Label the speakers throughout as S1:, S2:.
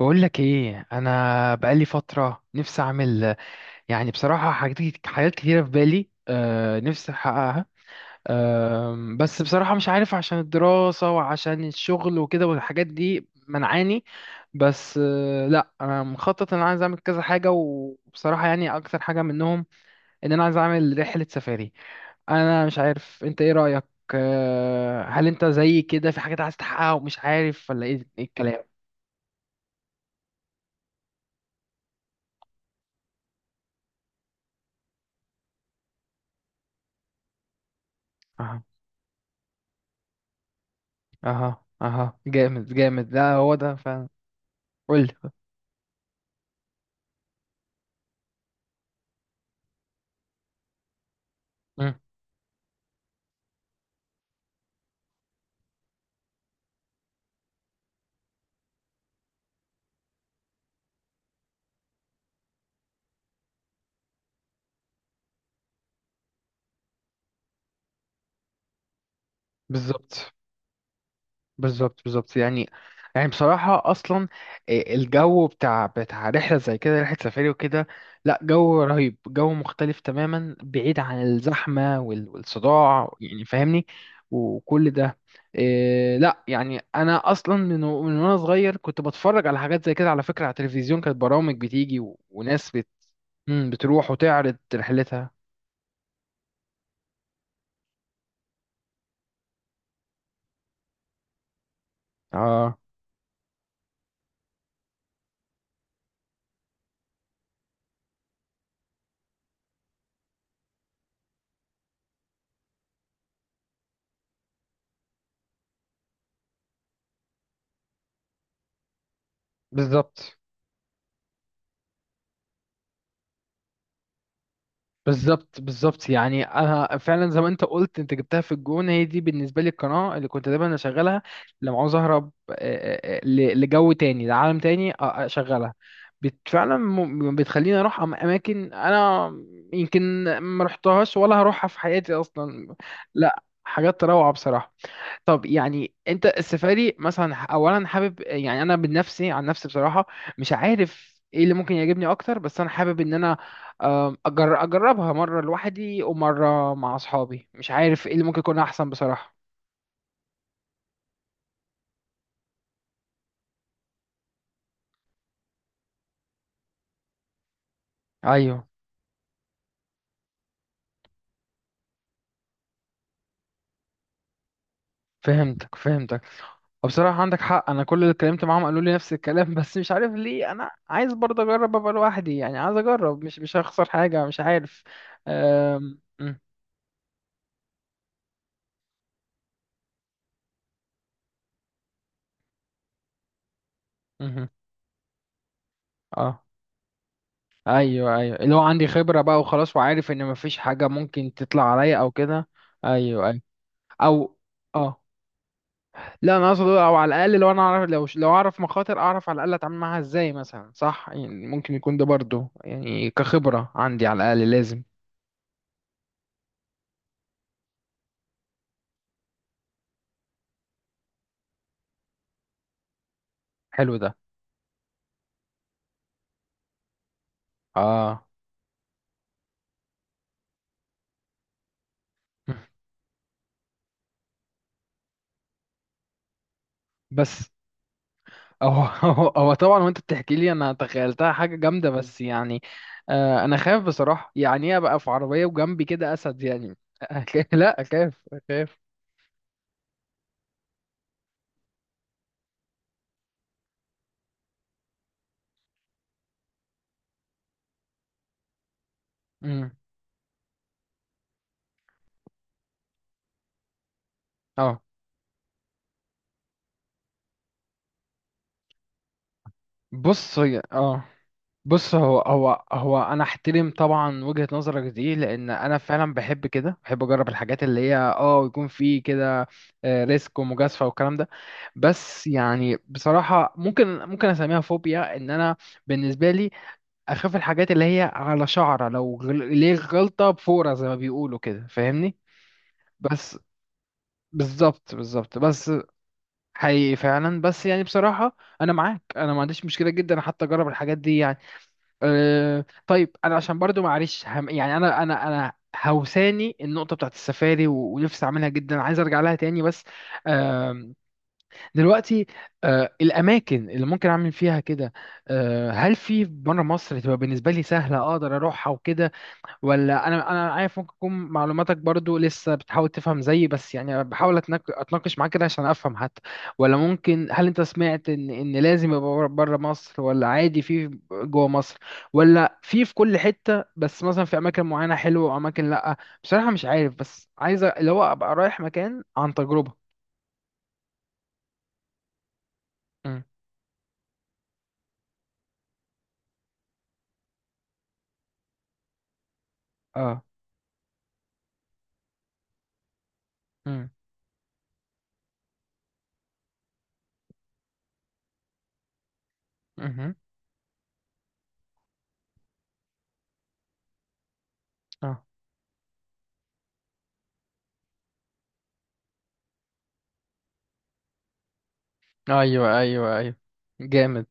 S1: بقول لك ايه؟ انا بقالي فتره نفسي اعمل، يعني بصراحه، حاجات كتيره في بالي، نفسي احققها. بس بصراحه مش عارف، عشان الدراسه وعشان الشغل وكده والحاجات دي منعاني. بس لا، انا مخطط ان انا عايز اعمل كذا حاجه، وبصراحه يعني اكتر حاجه منهم ان انا عايز اعمل رحله سفاري. انا مش عارف انت ايه رايك؟ هل انت زي كده في حاجات عايز تحققها ومش عارف، ولا ايه الكلام؟ اها، جامد جامد. لا، هو ده فعلا. قول لي. مم. بالظبط بالظبط، يعني. يعني بصراحة، أصلا إيه الجو بتاع رحلة زي كده، رحلة سفاري وكده؟ لا، جو رهيب، جو مختلف تماما، بعيد عن الزحمة والصداع، يعني فاهمني؟ وكل ده. إيه، لا، يعني أنا أصلا من وأنا صغير كنت بتفرج على حاجات زي كده، على فكرة، على التلفزيون كانت برامج بتيجي وناس بتروح وتعرض رحلتها. اه، بالظبط بالظبط بالظبط، يعني انا فعلا زي ما انت قلت، انت جبتها في الجون. هي دي بالنسبه لي القناه اللي كنت دايما اشغلها لما عاوز اهرب، لجو تاني، لعالم تاني. آه، اشغلها. فعلا بتخليني اروح اماكن انا يمكن ما رحتهاش ولا هروحها في حياتي اصلا. لا، حاجات روعه بصراحه. طب يعني انت السفاري مثلا، اولا حابب، يعني انا من نفسي، عن نفسي بصراحه مش عارف ايه اللي ممكن يعجبني اكتر، بس انا حابب ان انا اجربها مره لوحدي ومره مع اصحابي. مش عارف ايه اللي ممكن يكون احسن بصراحه. ايوه، فهمتك فهمتك. وبصراحه عندك حق، انا كل اللي اتكلمت معاهم قالوا لي نفس الكلام بس مش عارف ليه انا عايز برضه اجرب ابقى لوحدي، يعني عايز اجرب، مش هخسر حاجه، مش عارف. أم... م- مهم. اه، ايوه ايوه، اللي هو عندي خبره بقى وخلاص، وعارف ان مفيش حاجه ممكن تطلع عليا او كده. ايوه ايوه. او، اه، لا، انا اقصد او على الاقل لو انا اعرف، لو اعرف مخاطر، اعرف على الاقل اتعامل معاها ازاي مثلا، صح؟ يعني ممكن يكون ده برضو يعني كخبره عندي، على الاقل لازم. حلو ده. اه. بس هو طبعا، وانت بتحكي لي انا تخيلتها حاجه جامده، بس يعني انا خايف بصراحه، يعني ايه ابقى في عربيه وجنبي كده اسد يعني؟ لا، اخاف اخاف. مم. اه. بص، اه، بص، هو انا احترم طبعا وجهة نظرك دي، لان انا فعلا بحب كده، بحب اجرب الحاجات اللي هي، اه، يكون في كده ريسك ومجازفة والكلام ده. بس يعني بصراحة، ممكن اسميها فوبيا ان انا، بالنسبة لي، اخاف الحاجات اللي هي على شعرة، لو ليه غلطة بفورة زي ما بيقولوا كده، فاهمني؟ بس بالظبط بالظبط. بس حقيقي فعلا. بس يعني بصراحة انا معاك، انا ما عنديش مشكله جدا حتى اجرب الحاجات دي. أه، طيب انا عشان برضو معلش هم، يعني انا هوساني النقطه بتاعت السفاري ونفسي اعملها جدا، عايز ارجع لها تاني. بس أه، دلوقتي، أه، الاماكن اللي ممكن اعمل فيها كده، أه، هل في بره مصر تبقى بالنسبه لي سهله اقدر اروحها وكده، ولا انا عارف ممكن تكون معلوماتك برضو لسه بتحاول تفهم زيي، بس يعني بحاول اتناقش معاك كده عشان افهم حتى؟ ولا ممكن، هل انت سمعت ان لازم يبقى بره مصر، ولا عادي في جوه مصر، ولا في كل حتة، بس مثلا في اماكن معينة حلوة واماكن لا؟ بصراحة مش عارف، بس عايز اللي هو ابقى رايح مكان عن تجربة. امم. اه. امم. امم. اه. ايوه ايوه ايوه. جامد.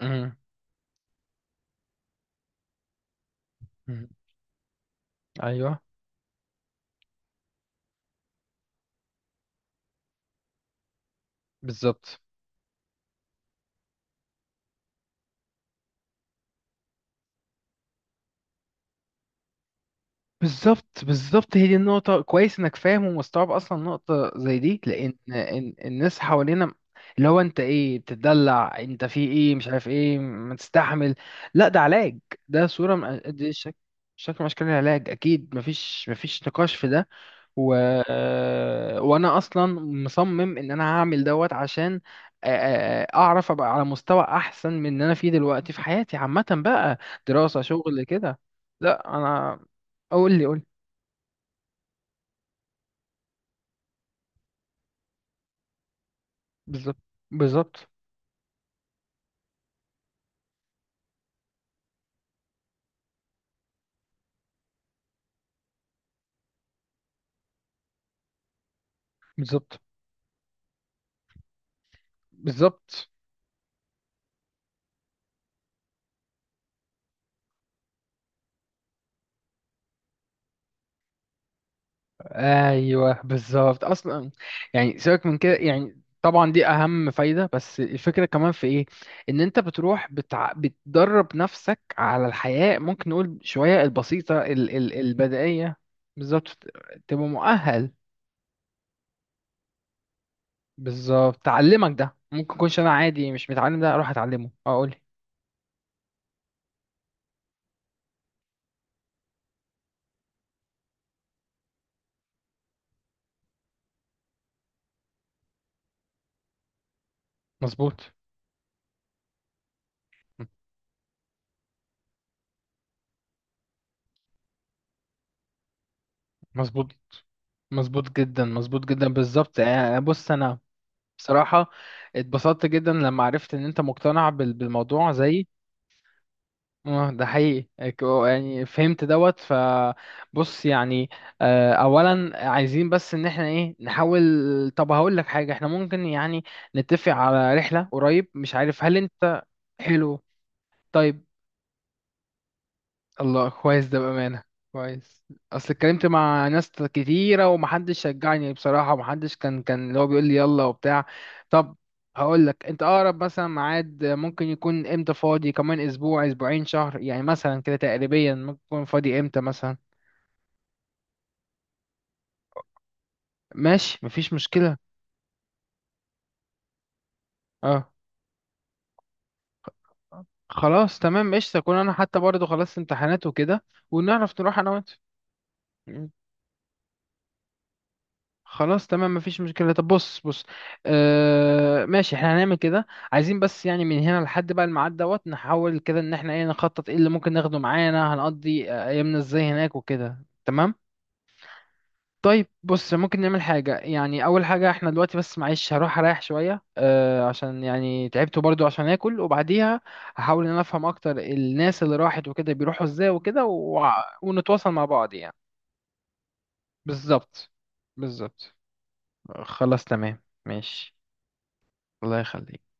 S1: امم. ايوه. بالظبط بالظبط، هي دي النقطة. كويس انك فاهم ومستوعب اصلا نقطة زي دي، لان إن الناس حوالينا اللي هو، انت ايه، بتدلع، انت في ايه مش عارف، ايه ما تستحمل؟ لا، ده علاج. ده صورة دي شكل من اشكال العلاج، اكيد مفيش، مفيش نقاش في ده. و... وانا اصلا مصمم ان انا هعمل دوت عشان اعرف ابقى على مستوى احسن من ان انا فيه دلوقتي في حياتي عامة بقى، دراسة، شغل كده. لا، انا، اقول لي، قول لي. بالظبط بالظبط. بالظبط بالظبط. ايوه بالظبط اصلا. يعني سيبك من كده، يعني طبعا دي اهم فايده، بس الفكره كمان في ايه، ان انت بتروح بتدرب نفسك على الحياه ممكن نقول شويه البسيطه، البدائيه. بالظبط، تبقى مؤهل. بالظبط، تعلمك ده ممكن يكونش انا عادي مش متعلم ده، اروح اتعلمه اقول. مظبوط. مظبوط، مظبوط جدا، مظبوط جدا بالظبط. بص انا، بصراحه، اتبسطت جدا لما عرفت ان انت مقتنع بالموضوع زيي. اه، ده حقيقي، يعني فهمت دوت. فبص يعني، اولا عايزين بس ان احنا ايه نحاول. طب هقول لك حاجه، احنا ممكن يعني نتفق على رحله قريب، مش عارف هل انت؟ حلو. طيب. الله، كويس ده بأمانة. كويس. اصل اتكلمت مع ناس كتيرة ومحدش شجعني بصراحة، ومحدش كان اللي هو بيقول لي يلا وبتاع. طب هقول لك، انت اقرب مثلا ميعاد ممكن يكون امتى فاضي، كمان اسبوع، اسبوعين، شهر، يعني مثلا كده تقريبا ممكن يكون فاضي امتى مثلا؟ ماشي، مفيش مشكلة. اه، خلاص تمام قشطة، كون انا حتى برضه خلصت امتحانات وكده ونعرف نروح انا وانت. خلاص تمام، مفيش مشكلة. طب بص، بص، آه، ماشي، احنا هنعمل كده. عايزين بس يعني من هنا لحد بقى الميعاد دوت نحاول كده ان احنا ايه نخطط، ايه اللي ممكن ناخده معانا، هنقضي ايامنا ازاي هناك وكده، تمام؟ طيب بص، ممكن نعمل حاجة، يعني أول حاجة احنا دلوقتي، بس معلش هروح أريح شوية، آه، عشان يعني تعبت برضو، عشان آكل، وبعديها هحاول إن أنا أفهم أكتر الناس اللي راحت وكده بيروحوا إزاي وكده ونتواصل مع بعض يعني. بالظبط بالظبط. خلاص تمام ماشي. الله يخليك.